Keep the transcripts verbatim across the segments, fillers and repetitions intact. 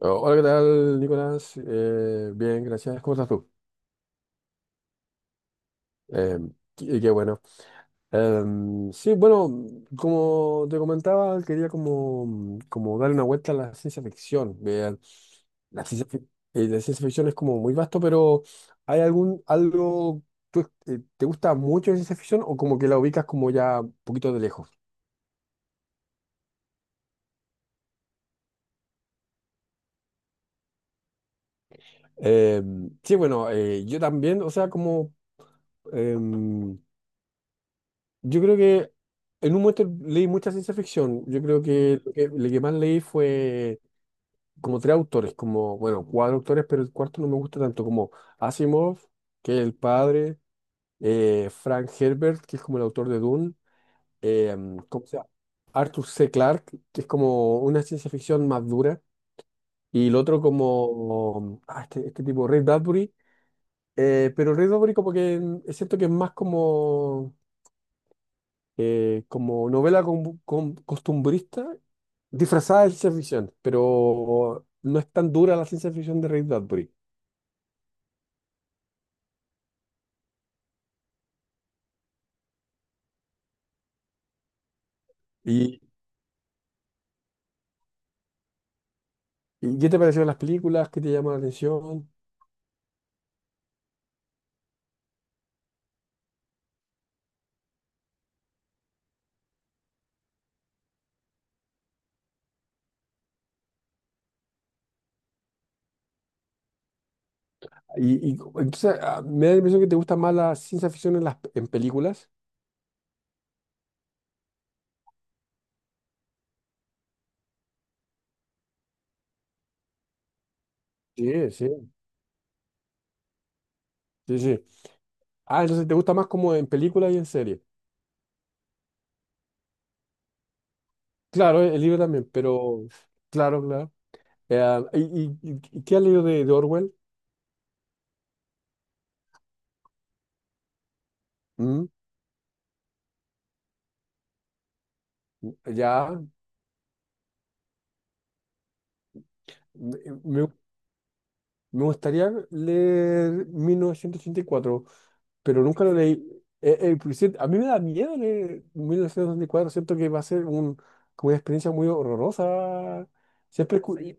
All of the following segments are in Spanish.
Oh, Hola, ¿qué tal, Nicolás? Eh, bien, gracias. ¿Cómo estás tú? Eh, qué, qué bueno. Em, sí, bueno, como te comentaba, quería como, como darle una vuelta a la ciencia ficción. Vean, la ciencia, fic- eh, la ciencia ficción es como muy vasto, pero ¿hay algún algo tú, eh, te gusta mucho la ciencia ficción o como que la ubicas como ya un poquito de lejos? Em, sí, bueno, eh, yo también, o sea, como... em, Yo creo que en un momento leí mucha ciencia ficción. Yo creo que lo que, lo que más leí fue como tres autores, como, bueno, cuatro autores, pero el cuarto no me gusta tanto, como Asimov, que es el padre, eh, Frank Herbert, que es como el autor de Dune, eh, ¿cómo se llama? Arthur C. Clarke, que es como una ciencia ficción más dura, y el otro como, ah, este, este tipo, Ray Bradbury, eh, pero Ray Bradbury como que mm, siento que es más como eh, como novela con- con- costumbrista disfrazada de ciencia ficción, pero no es tan dura la ciencia ficción de Ray Bradbury. ¿Y, y qué te parecieron las películas? ¿Qué te llamó la atención? Y, y entonces ah, me da la impresión que te gusta más la ciencia ficción en las en películas. Sí, sí, sí, sí. Ah, entonces te gusta más como en películas y en series. Claro, el libro también, pero claro, claro. Eh, ah, ¿y, y- y- qué has leído de, de Orwell? Mm, ya, me, me- me gustaría leer mil novecientos ochenta y cuatro, pero nunca lo leí. Eh, eh, por a mí me da miedo leer mil novecientos ochenta y cuatro, siento que va a ser un, como una experiencia muy horrorosa. Siempre escu- sí.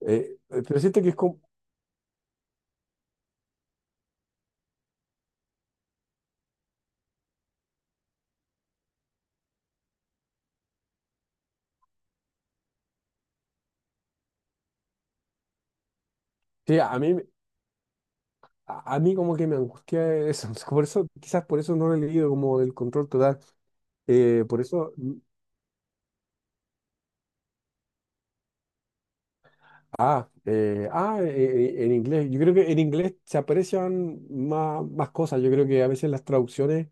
eh, eh, Pero siento que es como, sí, a mí, a, a mí como que me angustia eso. Por eso, quizás por eso no lo he leído como del control total. Eh, por eso, mm, ah, eh, ah, eh, eh, en inglés. Yo creo que en inglés se aprecian más, más cosas. Yo creo que a veces las traducciones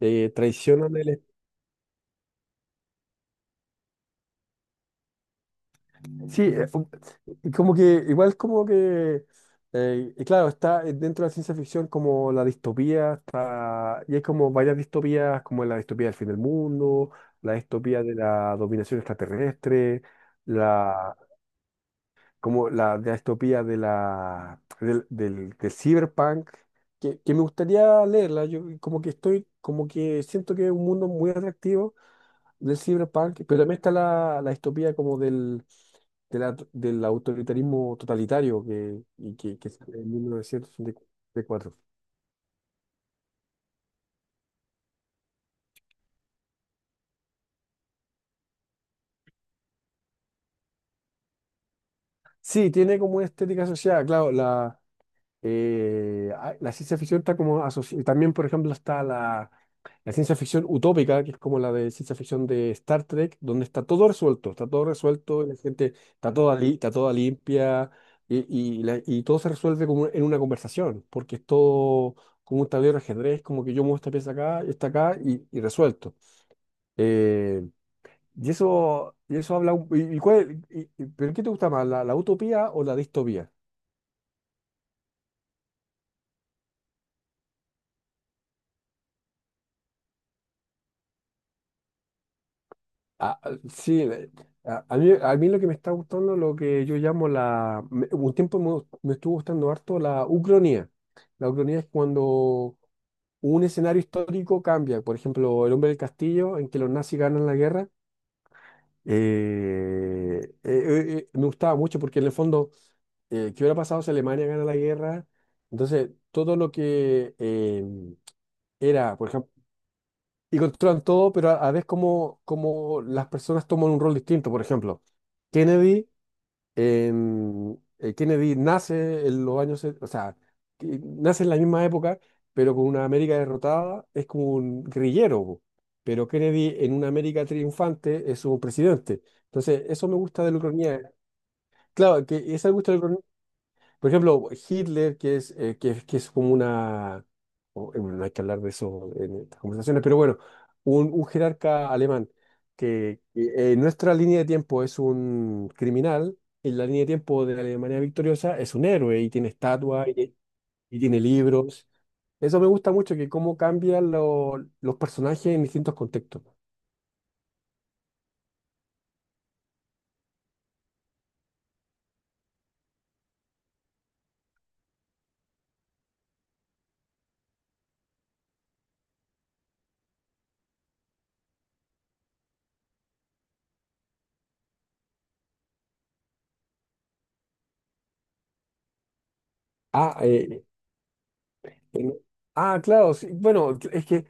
eh, traicionan el sí, eh, um, y como que igual como que, eh, y claro, está eh, dentro de la ciencia ficción como la distopía, está, y hay como varias distopías, como la distopía del fin del mundo, la distopía de la dominación extraterrestre, la, como la, la distopía de la, del, del, del cyberpunk, que, que me gustaría leerla, yo como que estoy, como que siento que es un mundo muy atractivo del cyberpunk, pero también está la, la distopía como del, de la- del autoritarismo totalitario que, y que, que sale en mil novecientos ochenta y cuatro. Sí, tiene como una estética asociada, claro, la, Eh, ah, la ciencia ficción está como asociada, también por ejemplo está la, la ciencia ficción utópica, que es como la de ciencia ficción de Star Trek, donde está todo resuelto, está todo resuelto, y la gente está toda, li- está toda limpia y, y, la- y todo se resuelve como en una conversación, porque es todo como un tablero de ajedrez, como que yo muevo esta pieza acá, esta acá y, y resuelto. Eh, y eso, y eso habla, un- y, y cuál- y- y- ¿pero qué te gusta más, la, la utopía o la distopía? Ah, ah, sí, eh, a, a mí, a mí lo que me está gustando, lo que yo llamo la... me- un tiempo me, me estuvo gustando harto la ucronía. La ucronía es cuando un escenario histórico cambia. Por ejemplo, El Hombre del Castillo, en que los nazis ganan la guerra. Eh, eh, eh, eh, me gustaba mucho porque en el fondo, eh, ¿qué hubiera pasado si Alemania gana la guerra? Entonces, todo lo que eh, era, por ejemplo, y controlan todo, pero a, a vez como, como las personas toman un rol distinto. Por ejemplo, Kennedy, en- eh, Kennedy nace en los años, se- o sea, que nace en la misma época, pero con una América derrotada, es como un guerrillero. Po. Pero Kennedy en una América triunfante es un presidente. Entonces, eso me gusta de la ucraniana. Claro, que eso me gusta de la por ejemplo, Hitler, que es, eh, que, que es como una... o, eh, bueno, no hay que hablar de eso en estas conversaciones, pero bueno, un, un jerarca alemán que eh, en nuestra línea de tiempo es un criminal, en la línea de tiempo de la Alemania victoriosa es un héroe y tiene estatua y, y tiene libros. Eso me gusta mucho, que cómo cambian lo- los personajes en distintos contextos. Ah, eh, Bueno, ah, claro, sí, bueno, es que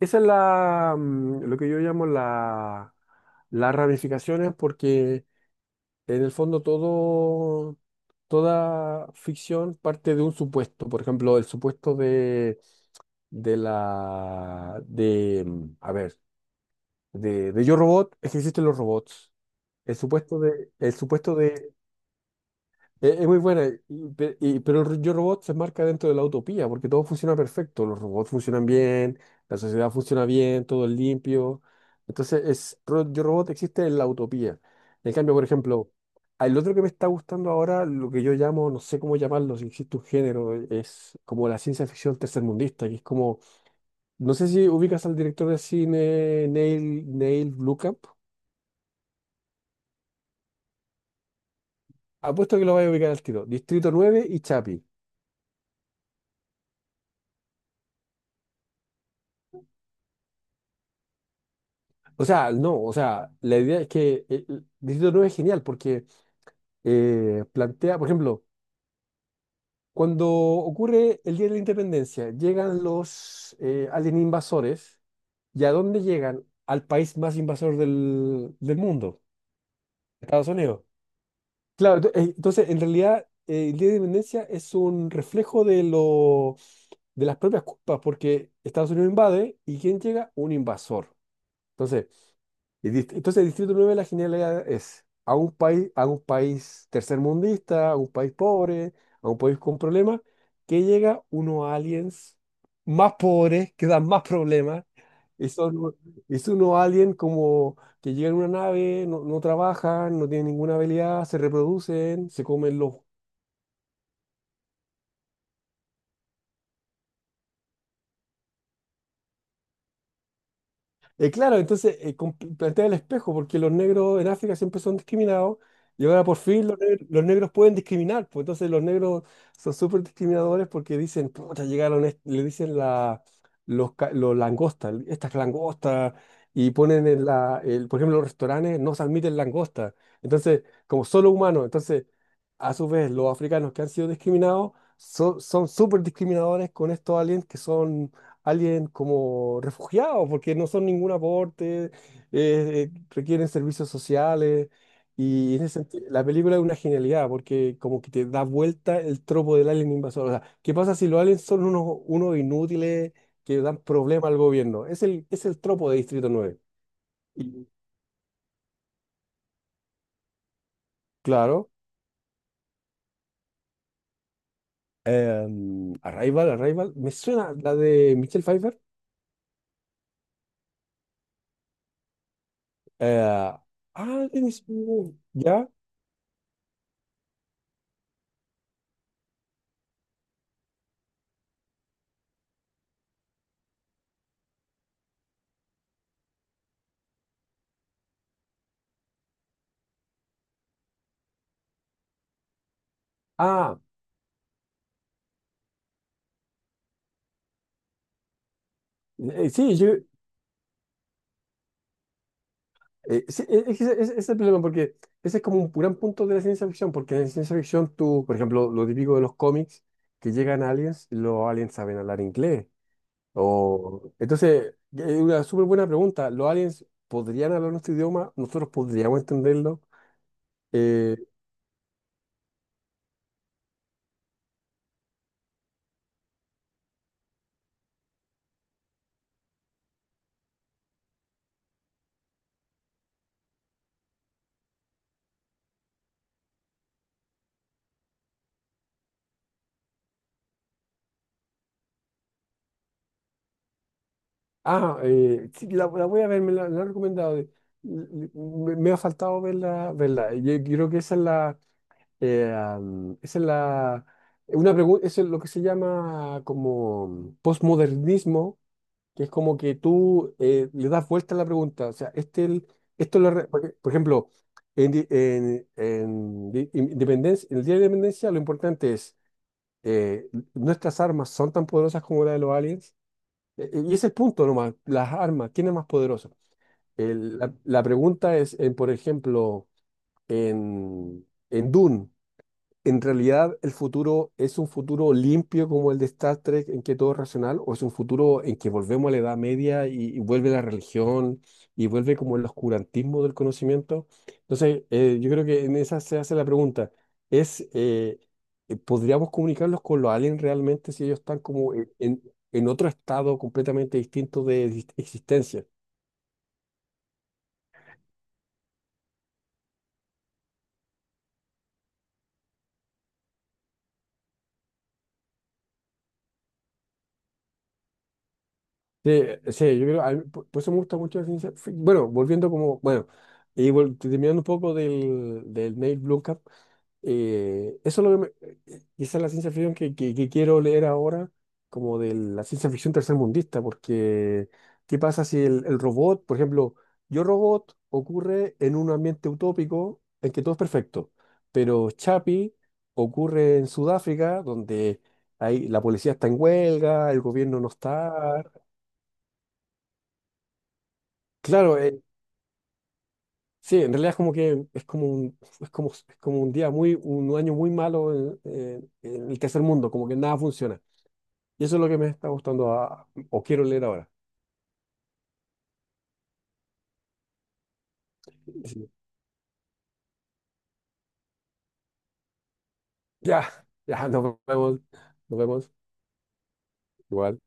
esa es la, mm, lo que yo llamo la, las ramificaciones, porque en el fondo todo, toda ficción parte de un supuesto. Por ejemplo, el supuesto de, de la, de, mm, a ver, de, de Yo Robot es que existen los robots. El supuesto de, el supuesto de es, es muy buena, y- pe- y- pero el Yo Robot se marca dentro de la utopía, porque todo funciona perfecto, los robots funcionan bien, la sociedad funciona bien, todo es limpio. Entonces, es, Ro- Yo Robot existe en la utopía. En cambio, por ejemplo, el otro que me está gustando ahora, lo que yo llamo, no sé cómo llamarlo, si existe un género, es como la ciencia ficción tercermundista, que es como, no sé si ubicas al director de cine Neil, Neil Blomkamp, apuesto que lo vas a ubicar al tiro, Distrito nueve y Chapi. O sea, no, o sea, la idea es que eh, el Distrito nueve es genial porque eh, plantea, por ejemplo, cuando ocurre el Día de la Independencia, llegan los eh, alien invasores, ¿y a dónde llegan? Al país más invasor del, del mundo, Estados Unidos. Claro, ento- eh, entonces, en realidad, eh, el Día de la Independencia es un reflejo de, lo, de las propias culpas, porque Estados Unidos invade y ¿quién llega? Un invasor. Entonces, Y dist- entonces, el Distrito nueve, la genialidad es a un país, a un país tercermundista, a un país pobre, a un país con problemas, que llega unos aliens más pobres, que dan más problemas, y son, y son unos aliens como que llegan en una nave, no, no trabajan, no tienen ninguna habilidad, se reproducen, se comen los, Eh, claro, entonces eh, com- plantea el espejo, porque los negros en África siempre son discriminados y ahora por fin los, neg- los negros pueden discriminar. Pues entonces los negros son súper discriminadores porque dicen, puta, llegaron, est- le dicen la, los, ca- los langostas, estas langostas, y ponen en la, el- por ejemplo, los restaurantes no se admiten langostas. Entonces, como solo humanos, entonces, a su vez, los africanos que han sido discriminados so- son súper discriminadores con estos aliens que son alguien como refugiado, porque no son ningún aporte, eh, eh, requieren servicios sociales. Y en ese sentido, la película es una genialidad, porque como que te da vuelta el tropo del alien invasor. O sea, ¿qué pasa si los aliens son unos, unos inútiles que dan problema al gobierno? Es el, es el tropo de Distrito nueve. Y claro, em, Arrival, Arrival, me suena la de Michelle Pfeiffer. Eh, ah, es- ya. Ah, eh, sí, yo. Eh, sí, e- es, que ese ese es el problema, porque ese es como un gran punto de la ciencia ficción, porque en la ciencia ficción tú, por ejemplo, lo típico de los cómics, que llegan aliens, los aliens saben hablar inglés. O... Entonces, es una súper buena pregunta. ¿Los aliens podrían hablar nuestro idioma? ¿Nosotros podríamos entenderlo? Eh, ah, eh, sí, la, la voy a ver, me la, la han recomendado. de- Me, me ha faltado verla, verla. Yo creo que esa es la... Eh, am, esa es la, una pregunta, eso es lo que se llama como postmodernismo, que es como que tú eh, le das vuelta a la pregunta. O sea, este, el- esto lo, re- porque, por ejemplo, en, di- en, en di- in- independencia, en el Día de la Independencia lo importante es, eh, nuestras armas son tan poderosas como la de los aliens. Eh, eh, y ese es el punto nomás, las armas, ¿quién es más poderoso? El- la, la pregunta es, en, por ejemplo, en, en Dune en realidad el futuro es un futuro limpio como el de Star Trek, en que todo es racional, o es un futuro en que volvemos a la Edad Media y, y vuelve la religión y vuelve como el oscurantismo del conocimiento. Entonces, eh, yo creo que en esa se hace la pregunta, es, eh, eh, ¿podríamos comunicarnos con los aliens realmente si ellos están como en, en- en otro estado completamente distinto de exist- existencia? Sí, sí, yo creo, a mí, por por eso me gusta mucho la ciencia fic- bueno, volviendo como, bueno, y vol- terminando un poco del, del Neil Blomkamp, eh, eso es lo que me- eh, esa es la ciencia ficción que, que- que quiero leer ahora, como de la ciencia ficción tercermundista, porque ¿qué pasa si el, el robot, por ejemplo, Yo Robot ocurre en un ambiente utópico en que todo es perfecto, pero Chapi ocurre en Sudáfrica, donde ahí la policía está en huelga, el gobierno no está, claro, eh, sí, en realidad es como que es como un, es como, es como un día muy, un año muy malo en, en- en el tercer mundo, como que nada funciona. Y eso es lo que me está gustando a- o quiero leer ahora. Sí. Ya, ya, nos vemos, nos vemos, igual.